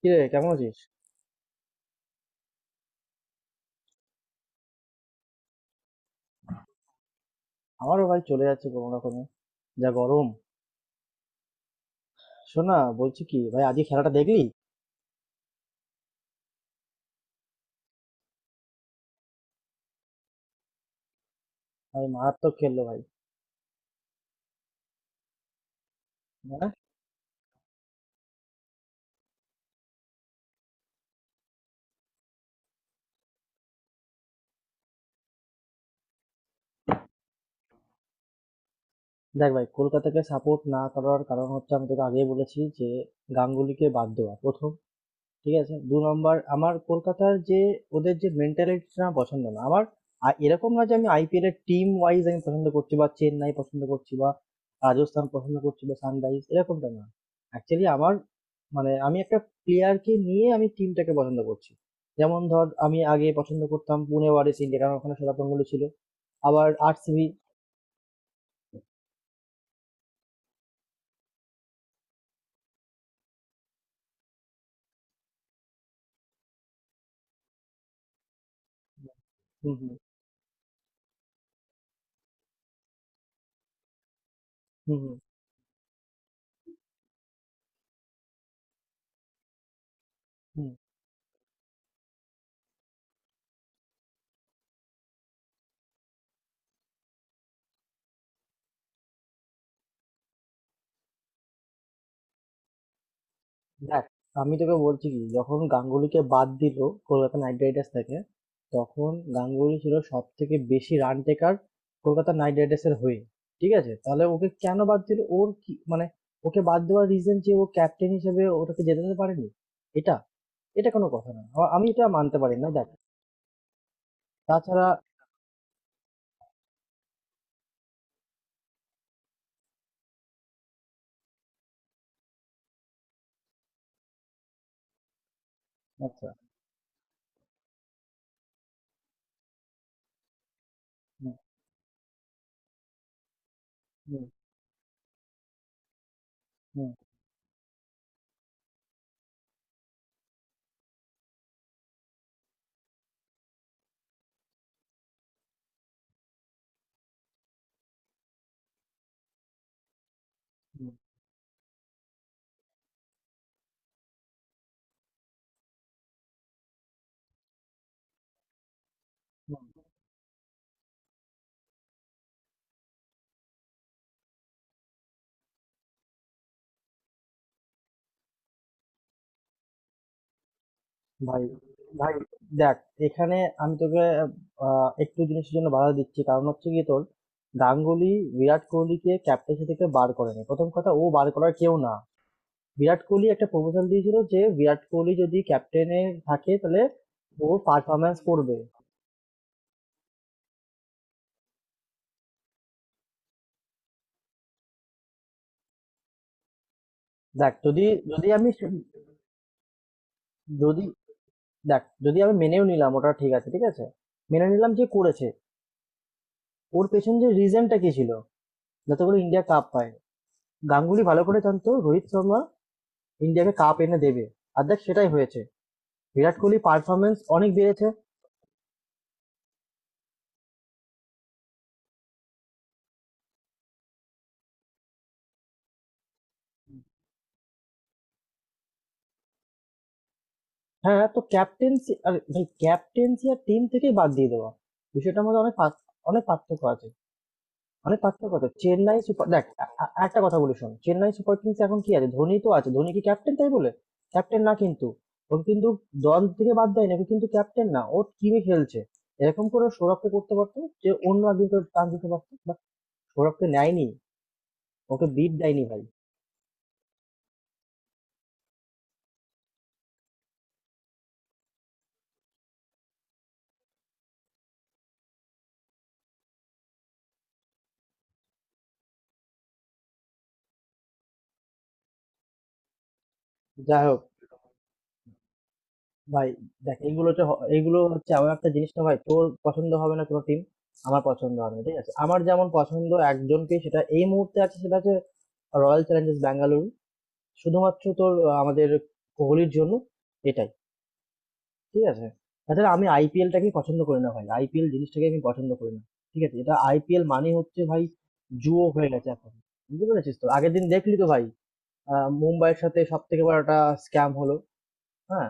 কিরে, কেমন আছিস? আমারও ভাই চলে যাচ্ছে কোনো রকমে। যা গরম! শোন না, বলছি কি ভাই, আজকে খেলাটা দেখলি? ভাই মারাত্মক খেললো ভাই। হ্যাঁ। দেখ ভাই, কলকাতাকে সাপোর্ট না করার কারণ হচ্ছে আমি তোকে আগেই বলেছি যে গাঙ্গুলিকে বাদ দেওয়া প্রথম। ঠিক আছে? ২ নম্বর, আমার কলকাতার যে ওদের যে মেন্টালিটিটা আমার পছন্দ না। আমার এরকম না যে আমি আইপিএল এর টিম ওয়াইজ আমি পছন্দ করছি, বা চেন্নাই পছন্দ করছি বা রাজস্থান পছন্দ করছি বা সানরাইজ, এরকমটা না। অ্যাকচুয়ালি আমার মানে আমি একটা প্লেয়ারকে নিয়ে আমি টিমটাকে পছন্দ করছি। যেমন ধর, আমি আগে পছন্দ করতাম পুনে ওয়ারিয়র্স ইন্ডিয়া, কারণ ওখানে সৌরভ গাঙ্গুলী ছিল। আবার আরসিবি। হুম, হুম, হুম, হুম, হুম। দেখ, আমি তোকে বলছি কি, যখন গাঙ্গুলিকে বাদ দিল কলকাতা নাইট রাইডার্স থেকে, তখন গাঙ্গুলি ছিল সব থেকে বেশি run taker Kolkata Knight Riders এর হয়ে। ঠিক আছে, তাহলে ওকে কেন বাদ দিল? ওর কি মানে, ওকে বাদ দেওয়ার রিজন যে ও ক্যাপ্টেন হিসেবে ওটাকে জেতাতে পারেনি, এটা এটা কোনো কথা না। আমি এটা মানতে পারি না। দেখ, তাছাড়া আচ্ছা। হুম হুম হুম হুম হুম। ভাই, ভাই, দেখ, এখানে আমি তোকে, একটু জিনিসের জন্য বাধা দিচ্ছি, কারণ হচ্ছে কি তোর গাঙ্গুলি বিরাট কোহলিকে ক্যাপ্টেন্সি থেকে বার করেনি। প্রথম কথা, ও বার করার কেউ না। বিরাট কোহলি একটা প্রপোজাল দিয়েছিল যে বিরাট কোহলি যদি ক্যাপ্টেনে থাকে তাহলে ও পারফরমেন্স করবে। দেখ, যদি যদি আমি সু- যদি দেখ, যদি আমি মেনেও নিলাম ওটা, ঠিক আছে, ঠিক আছে, মেনে নিলাম যে করেছে, ওর পেছনে যে রিজনটা কি ছিল, যাতে করে ইন্ডিয়া কাপ পায়, গাঙ্গুলি ভালো করে জানতো রোহিত শর্মা ইন্ডিয়াকে কাপ এনে দেবে। আর দেখ, সেটাই হয়েছে। বিরাট কোহলি পারফরমেন্স অনেক বেড়েছে। হ্যাঁ, তো ক্যাপ্টেন্সি আর ভাই, ক্যাপ্টেন্সি আর টিম থেকেই বাদ দিয়ে দেওয়া বিষয়টার মধ্যে অনেক অনেক পার্থক্য আছে। অনেক পার্থক্য আছে চেন্নাই সুপার। দেখ, একটা কথা বলি, শোন, চেন্নাই সুপার কিংস এখন কি আছে? ধোনি তো আছে। ধোনি কি ক্যাপ্টেন? তাই বলে ক্যাপ্টেন না, কিন্তু ওকে কিন্তু দল থেকে বাদ দেয় না। ওকে কিন্তু ক্যাপ্টেন না, ও টিমে খেলছে। এরকম করে সৌরভকে করতে পারতো, যে অন্য একদিন করে টান দিতে পারতো, বা সৌরভকে নেয়নি, ওকে বিট দেয়নি ভাই। যাই হোক ভাই, দেখ, এগুলো তো এগুলো হচ্ছে এমন একটা জিনিসটা, ভাই তোর পছন্দ হবে না কোনো টিম, আমার পছন্দ হবে না। ঠিক আছে, আমার যেমন পছন্দ একজনকে সেটা এই মুহূর্তে আছে, সেটা হচ্ছে রয়্যাল চ্যালেঞ্জার্স ব্যাঙ্গালুরু, শুধুমাত্র তোর, আমাদের কোহলির জন্য। এটাই, ঠিক আছে। তাছাড়া আমি আইপিএলটাকেই পছন্দ করি না ভাই, আইপিএল জিনিসটাকে আমি পছন্দ করি না। ঠিক আছে, এটা আইপিএল মানে হচ্ছে ভাই জুয়ো হয়ে গেছে এখন। বুঝতে পেরেছিস তো? আগের দিন দেখলি তো ভাই, মুম্বাইয়ের সাথে সব থেকে বড় একটা স্ক্যাম হলো। হ্যাঁ।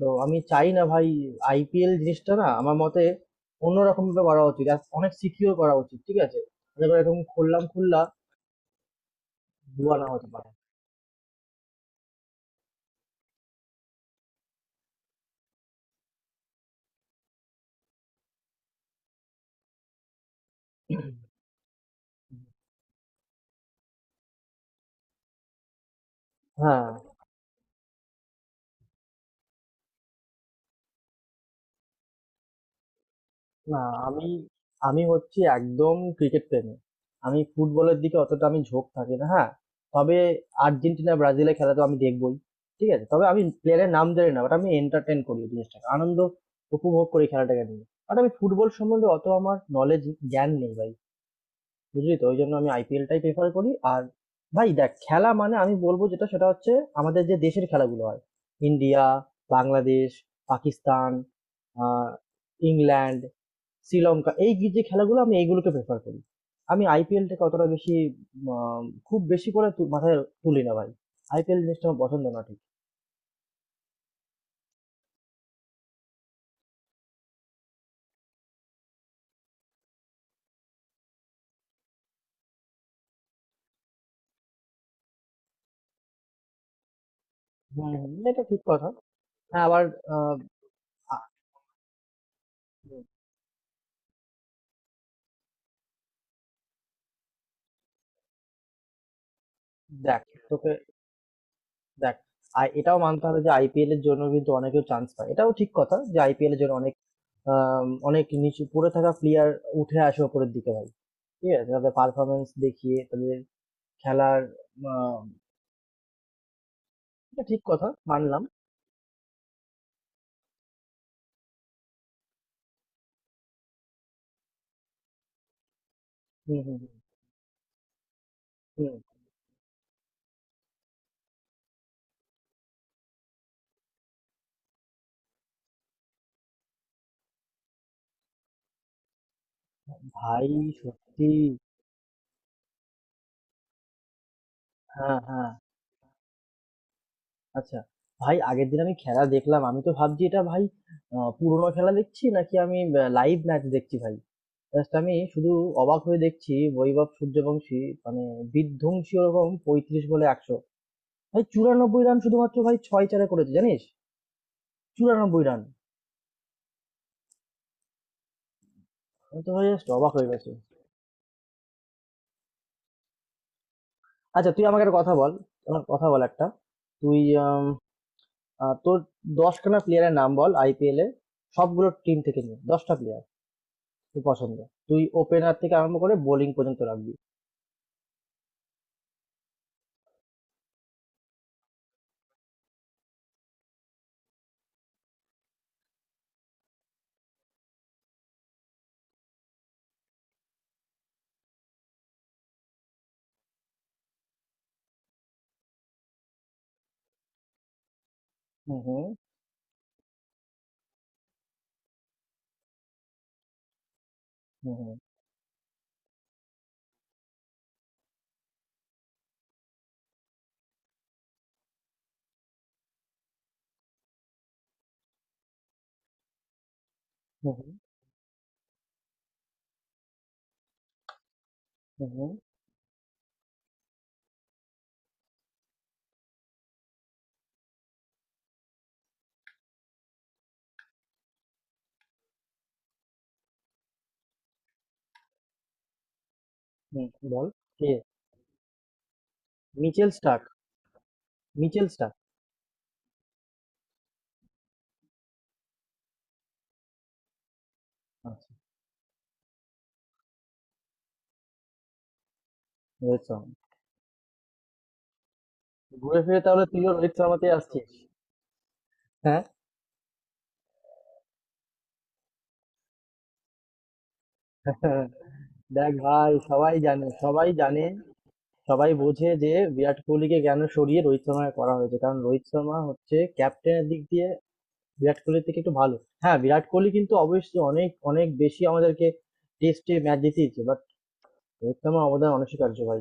তো আমি চাই না ভাই, আইপিএল জিনিসটা না, আমার মতে অন্যরকম ভাবে করা উচিত, আর অনেক সিকিউর করা উচিত। ঠিক আছে, তারপর এরকম খুললাম খুললা দুয়া না হতে পারে। হ্যাঁ, না। আমি, আমি হচ্ছে একদম ক্রিকেট প্রেমী। আমি ফুটবলের দিকে অতটা আমি ঝোঁক থাকি না। হ্যাঁ, তবে আর্জেন্টিনা ব্রাজিলের খেলা তো আমি দেখবই। ঠিক আছে, তবে আমি প্লেয়ারের নাম জানি না, বাট আমি এন্টারটেন করি ওই জিনিসটাকে, আনন্দ উপভোগ করি খেলাটাকে নিয়ে, বাট আমি ফুটবল সম্বন্ধে অত আমার নলেজ, জ্ঞান নেই ভাই। বুঝলি তো? ওই জন্য আমি আইপিএলটাই প্রেফার করি। আর ভাই দেখ, খেলা মানে আমি বলবো যেটা সেটা হচ্ছে আমাদের যে দেশের খেলাগুলো হয়, ইন্ডিয়া, বাংলাদেশ, পাকিস্তান, আহ, ইংল্যান্ড, শ্রীলঙ্কা, এই যে খেলাগুলো আমি এইগুলোকে প্রেফার করি। আমি আইপিএলটাকে অতটা বেশি, আহ, খুব বেশি করে মাথায় তুলি না ভাই। আইপিএল জিনিসটা আমার পছন্দ না, ঠিক। হম হম, এটা ঠিক কথা। হ্যাঁ, আবার আহ, আ- দেখ তোকে, দেখ, আর এটাও মানতে হবে যে আইপিএল এর জন্য কিন্তু অনেকেও চান্স পায়, এটাও ঠিক কথা যে আইপিএল এর জন্য অনেক, অনেক নিচু পড়ে থাকা প্লেয়ার উঠে আসে ওপরের দিকে ভাই। ঠিক আছে, তাদের পারফরমেন্স দেখিয়ে তাদের খেলার, আম, এটা ঠিক কথা, মানলাম। হুম হুম হুম হুম। ভাই সত্যি, হ্যাঁ হ্যাঁ। আচ্ছা ভাই, আগের দিন আমি খেলা দেখলাম, আমি তো ভাবছি এটা ভাই, পুরোনো খেলা দেখছি নাকি আমি লাইভ ম্যাচ দেখছি ভাই। জাস্ট আমি শুধু অবাক হয়ে দেখছি, বৈভব সূর্যবংশী, মানে বিধ্বংসী, ওরকম পঁয়ত্রিশ বলে একশো, ভাই চুরানব্বই রান শুধুমাত্র ভাই ছয় চারে করেছে, জানিস? চুরানব্বই রান! আমি তো ভাই জাস্ট অবাক হয়ে গেছি। আচ্ছা, তুই আমাকে একটা কথা বল। আমার কথা বল একটা, তুই, আম, তোর দশখানা প্লেয়ারের নাম বল আইপিএল এ, সবগুলো টিম থেকে নিয়ে দশটা প্লেয়ার তুই পছন্দ, তুই ওপেনার থেকে আরম্ভ করে বোলিং পর্যন্ত রাখবি। হুম হুম হুম হুম হুম হুম হুম। হুম, হুম, বল, কে? Mitchell Starc, Mitchell Starc. আচ্ছা। রোহিত শর্মা। ঘুরে ফিরে তাহলে তুইও রোহিত শর্মাতে আসছিস। হ্যাঁ। দেখ ভাই, সবাই জানে, সবাই জানে, সবাই বোঝে যে বিরাট কোহলিকে কেন সরিয়ে রোহিত শর্মাকে করা হয়েছে, কারণ রোহিত শর্মা হচ্ছে ক্যাপ্টেনের দিক দিয়ে বিরাট কোহলির থেকে একটু ভালো। হ্যাঁ, বিরাট কোহলি কিন্তু অবশ্যই অনেক অনেক বেশি আমাদেরকে টেস্টে ম্যাচ জিতিয়েছে, বাট রোহিত শর্মার অবদান অনস্বীকার্য ভাই।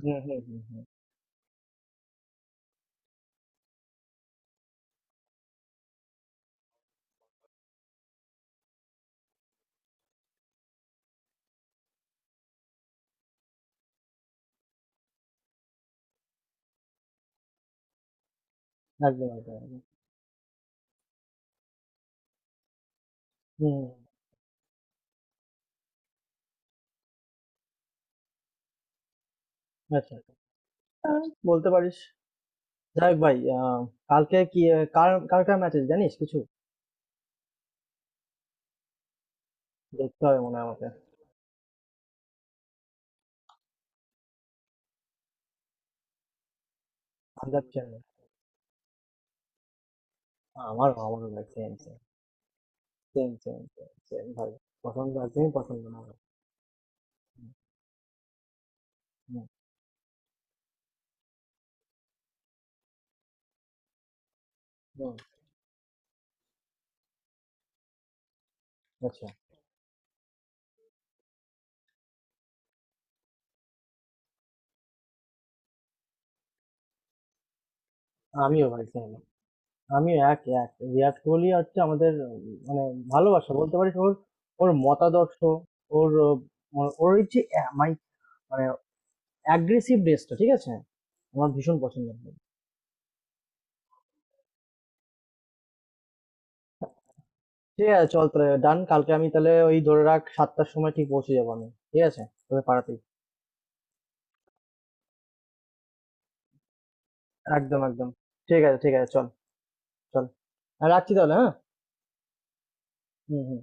হুম হুম হুম হুম। একদম, একদম, একদম। হুম হুম। আচ্ছা, বলতে পারিস। যাই হোক ভাই, কালকে কি কার কার কার ম্যাচ আছে, জানিস কিছু? দেখতে হবে মনে হয় আমাকে। পাঞ্জাব চেন্নাই। আমারও, আমারও ভাই, same same, same same same ভাই। পছন্দ একদমই পছন্দ না আমার। হুম হুম হুম। আচ্ছা। আমিও ভাই সেম। আমিও এক, এক। বিরাট কোহলি হচ্ছে আমাদের, মানে ভালোবাসা, বলতে পারিস ওর, ওর মতাদর্শ, ওর ওর এই যে অ্যা মাই মানে aggressiveness টা, ঠিক আছে? আমার ভীষণ পছন্দ। ঠিক আছে, চল তাহলে, ডান। কালকে আমি তাহলে ওই ধরে রাখ ৭ঃ০০ র সময় ঠিক পৌঁছে যাবো আমি। ঠিক আছে? তোদের পাড়াতেই। একদম, একদম। ঠিক আছে, ঠিক আছে। চল, চল। আ রাখছি তাহলে, হ্যাঁ? হুম, হুম।